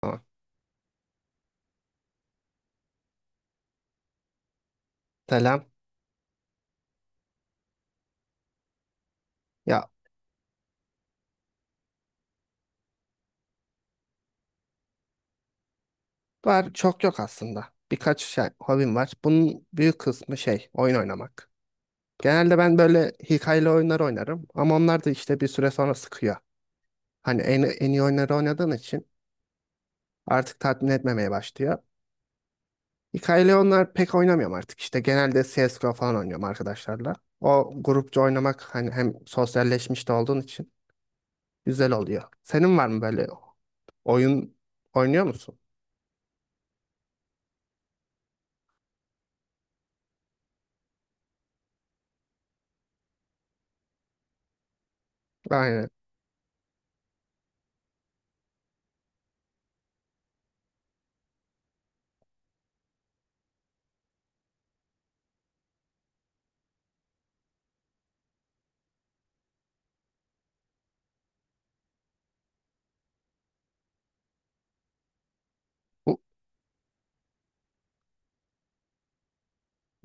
Tamam. Selam. Ya var çok yok aslında. Birkaç şey, hobim var. Bunun büyük kısmı şey oyun oynamak. Genelde ben böyle hikayeli oyunlar oynarım ama onlar da işte bir süre sonra sıkıyor. Hani en iyi oyunları oynadığın için artık tatmin etmemeye başlıyor. Hikayeli oyunlar pek oynamıyorum artık. İşte genelde CSGO falan oynuyorum arkadaşlarla. O grupça oynamak hani hem sosyalleşmiş de olduğun için güzel oluyor. Senin var mı böyle oyun oynuyor musun? Aynen.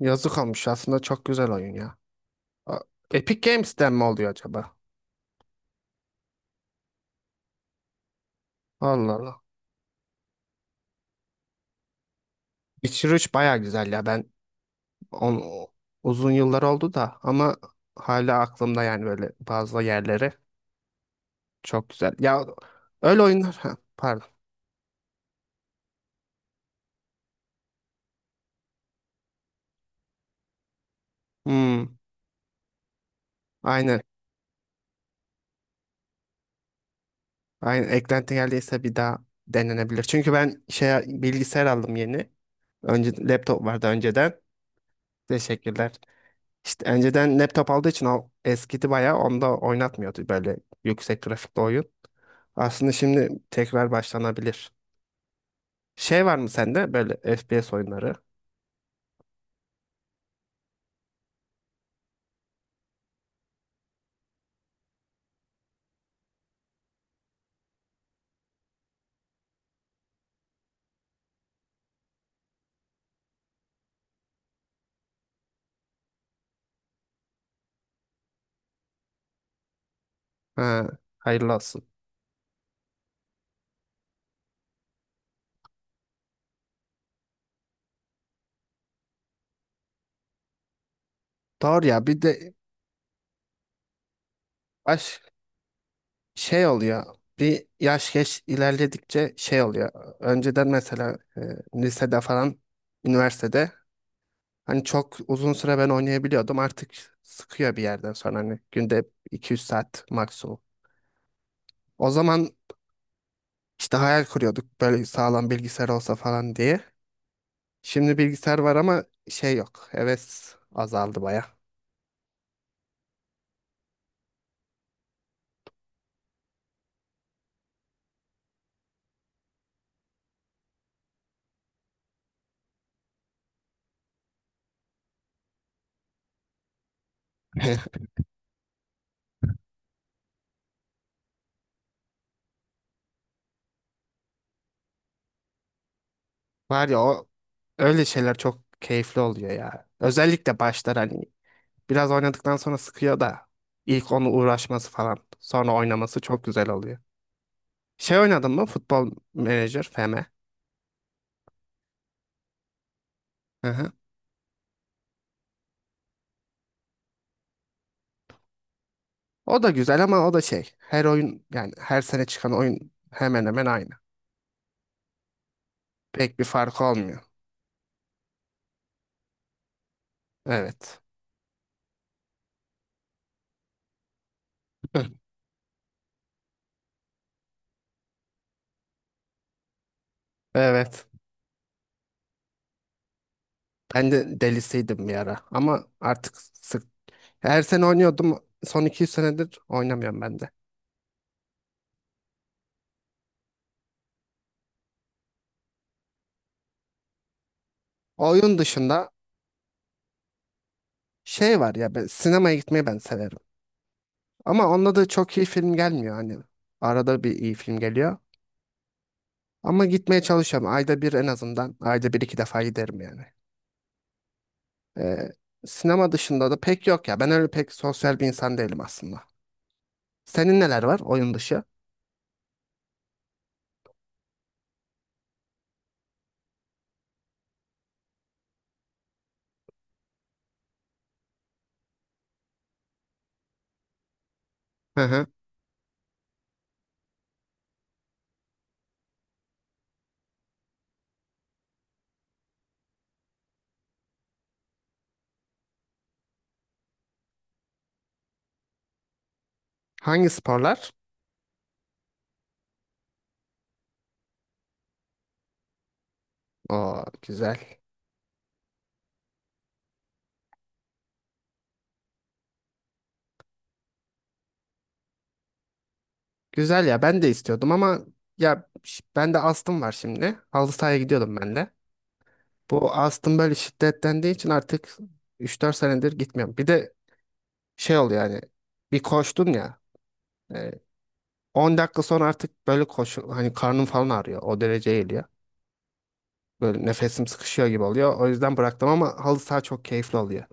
Yazık olmuş aslında çok güzel oyun ya. A- Epic Games'ten mi oluyor acaba? Allah Allah. Witcher 3 baya güzel ya ben on, uzun yıllar oldu da ama hala aklımda yani böyle bazı yerleri çok güzel. Ya öyle oyunlar ha, pardon. Hmm, aynen. Aynen eklenti geldiyse bir daha denenebilir. Çünkü ben şey bilgisayar aldım yeni. Önce laptop vardı önceden. Teşekkürler. İşte önceden laptop olduğu için o eskidi bayağı onda oynatmıyordu böyle yüksek grafikli oyun. Aslında şimdi tekrar başlanabilir. Şey var mı sende böyle FPS oyunları? Ha, hayırlı olsun. Doğru ya bir de baş, şey oluyor. Bir yaş geç ilerledikçe şey oluyor. Önceden mesela lisede falan, üniversitede hani çok uzun süre ben oynayabiliyordum. Artık sıkıyor bir yerden sonra hani günde 200 saat maksimum. O zaman işte hayal kuruyorduk böyle sağlam bilgisayar olsa falan diye. Şimdi bilgisayar var ama şey yok. Heves azaldı baya. Var ya o öyle şeyler çok keyifli oluyor ya. Özellikle başlar hani biraz oynadıktan sonra sıkıyor da ilk onu uğraşması falan sonra oynaması çok güzel oluyor. Şey oynadın mı? Futbol Manager FM. Hı hı. O da güzel ama o da şey her oyun yani her sene çıkan oyun hemen hemen aynı. Pek bir fark olmuyor. Evet. Hı. Evet. Ben de delisiydim bir ara ama artık sık. Her sene oynuyordum. Son iki üç senedir oynamıyorum ben de. Oyun dışında şey var ya ben sinemaya gitmeyi ben severim. Ama onda da çok iyi film gelmiyor hani. Arada bir iyi film geliyor. Ama gitmeye çalışıyorum. Ayda bir en azından. Ayda bir iki defa giderim yani. Ee, sinema dışında da pek yok ya. Ben öyle pek sosyal bir insan değilim aslında. Senin neler var oyun dışı? Hı hı. Hangi sporlar? Oo, güzel. Güzel ya ben de istiyordum ama ya ben de astım var şimdi. Halı sahaya gidiyordum ben de. Bu astım böyle şiddetlendiği için artık üç dört senedir gitmiyorum. Bir de şey oluyor yani bir koştun ya e, 10 dakika sonra artık böyle koşu hani karnım falan ağrıyor. O derece geliyor. Böyle nefesim sıkışıyor gibi oluyor. O yüzden bıraktım ama halı saha çok keyifli oluyor.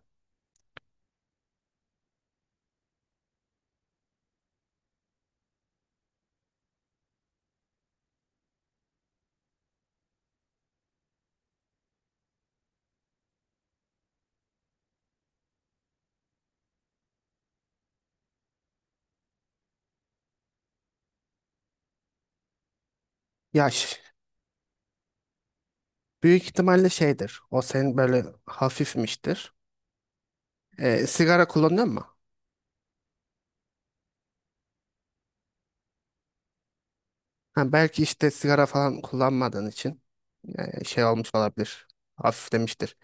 Yaş büyük ihtimalle şeydir. O senin böyle hafifmiştir. Sigara kullanıyor. Ha, belki işte sigara falan kullanmadığın için yani şey olmuş olabilir. Hafiflemiştir.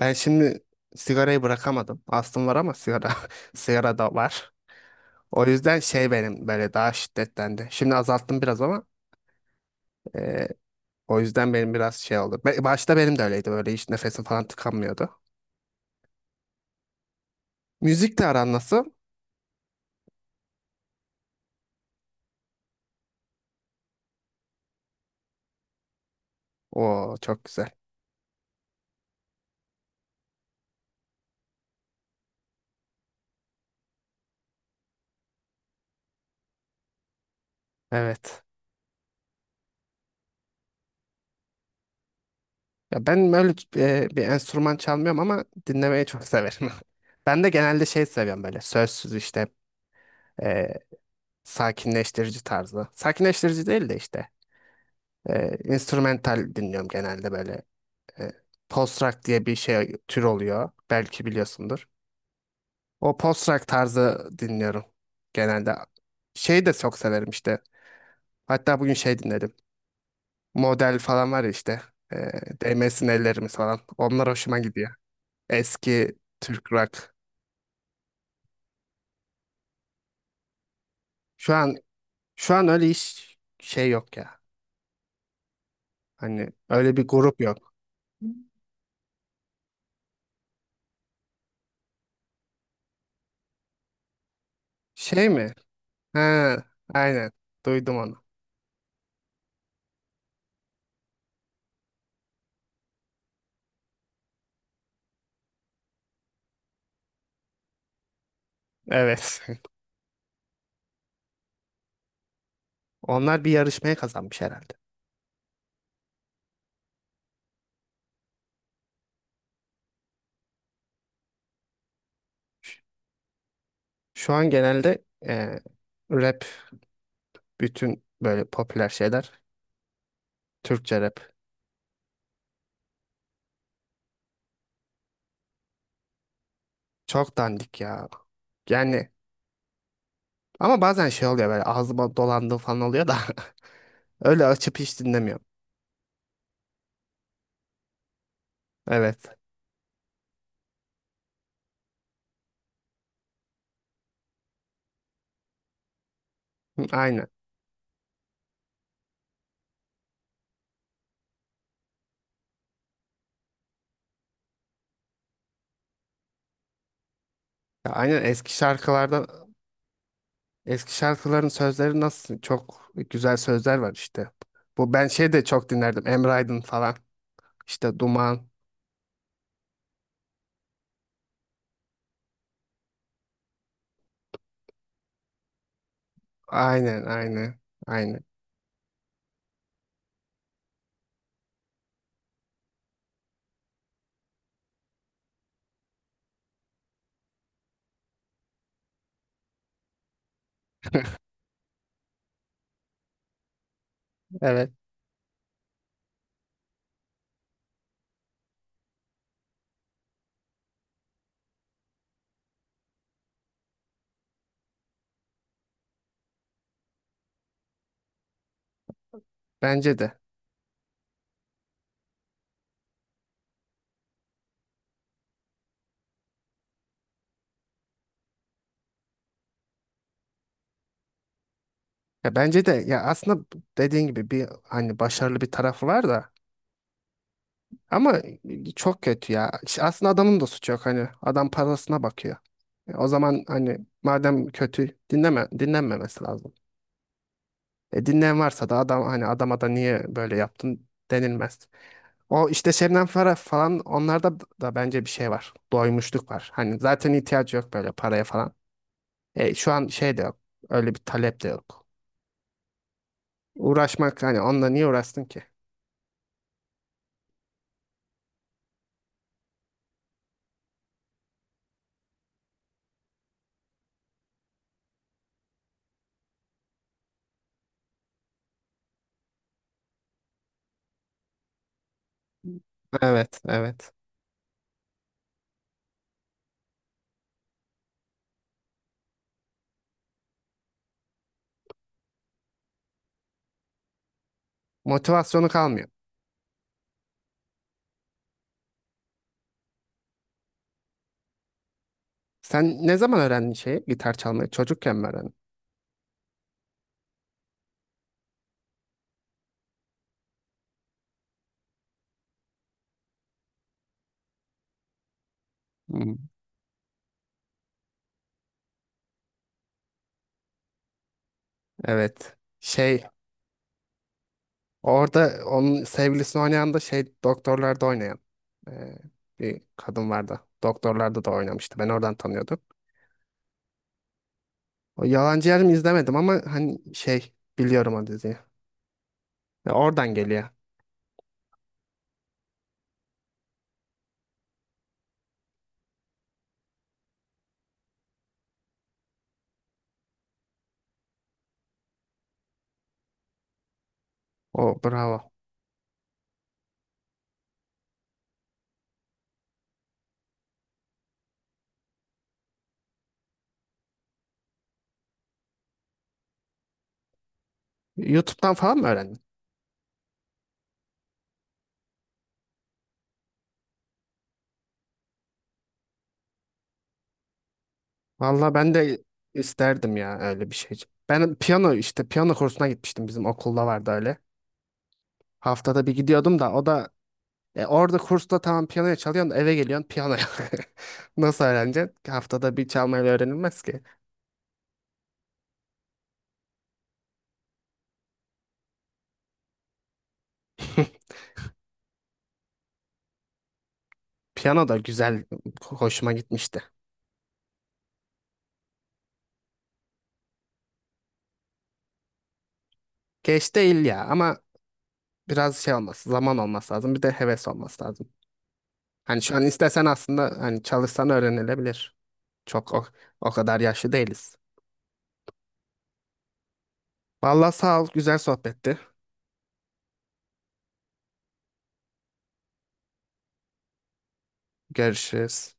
Ben şimdi sigarayı bırakamadım. Astım var ama sigara sigara da var. O yüzden şey benim böyle daha şiddetlendi. Şimdi azalttım biraz ama e, o yüzden benim biraz şey oldu. Başta benim de öyleydi böyle hiç nefesim falan tıkanmıyordu. Müzikle aran nasıl? Oo çok güzel. Evet. Ya ben böyle bir enstrüman çalmıyorum ama dinlemeyi çok severim. Ben de genelde şey seviyorum böyle sözsüz işte e, sakinleştirici tarzı. Sakinleştirici değil de işte instrumental dinliyorum genelde böyle. E, post rock diye bir şey tür oluyor. Belki biliyorsundur. O post rock tarzı dinliyorum genelde. Şeyi de çok severim işte. Hatta bugün şey dinledim. Model falan var ya işte. E, değmesin ellerimiz falan. Onlar hoşuma gidiyor. Eski Türk rock. Şu an şu an öyle iş şey yok ya. Hani öyle bir grup yok. Şey mi? Ha, aynen. Duydum onu. Evet. Onlar bir yarışmaya kazanmış herhalde. Şu an genelde rap bütün böyle popüler şeyler Türkçe rap. Çok dandik ya. Yani ama bazen şey oluyor böyle ağzıma dolandığı falan oluyor da öyle açıp hiç dinlemiyorum. Evet. Hı, aynen. Ya aynen eski şarkıların sözleri nasıl çok güzel sözler var işte. Bu ben şey de çok dinlerdim. Emre Aydın falan. İşte Duman. Aynen aynen. Aynen. Evet. Bence de. Ya bence de ya aslında dediğin gibi bir hani başarılı bir tarafı var da ama çok kötü ya. İşte aslında adamın da suçu yok hani adam parasına bakıyor. O zaman hani madem kötü dinlenmemesi lazım. Dinleyen varsa da adam hani adama da niye böyle yaptın denilmez. O işte Şebnem Ferah falan onlarda da bence bir şey var. Doymuşluk var. Hani zaten ihtiyacı yok böyle paraya falan. Şu an şey de yok. Öyle bir talep de yok. Uğraşmak hani onunla niye uğraştın ki? Evet, evet. Motivasyonu kalmıyor. Sen ne zaman öğrendin şeyi? Gitar çalmayı çocukken mi öğrendin? Hı. Evet. Şey orada onun sevgilisini oynayan da şey doktorlarda oynayan e, bir kadın vardı. Doktorlarda da oynamıştı. Ben oradan tanıyordum. O Yalancı Yarım izlemedim ama hani şey biliyorum o diziyi. Oradan geliyor. O bravo. YouTube'dan falan mı öğrendin? Valla ben de isterdim ya öyle bir şey. Ben piyano işte piyano kursuna gitmiştim bizim okulda vardı öyle. Haftada bir gidiyordum da o da orada kursta tamam piyanoya çalıyorsun da eve geliyorsun piyanoya. Nasıl öğreneceksin? Haftada bir çalmayla öğrenilmez ki. Piyano da güzel, hoşuma gitmişti. Geç değil ya ama biraz şey olması, zaman olması lazım. Bir de heves olması lazım. Hani şu an istesen aslında hani çalışsan öğrenilebilir. Çok o kadar yaşlı değiliz. Vallahi sağ ol, güzel sohbetti. Görüşürüz.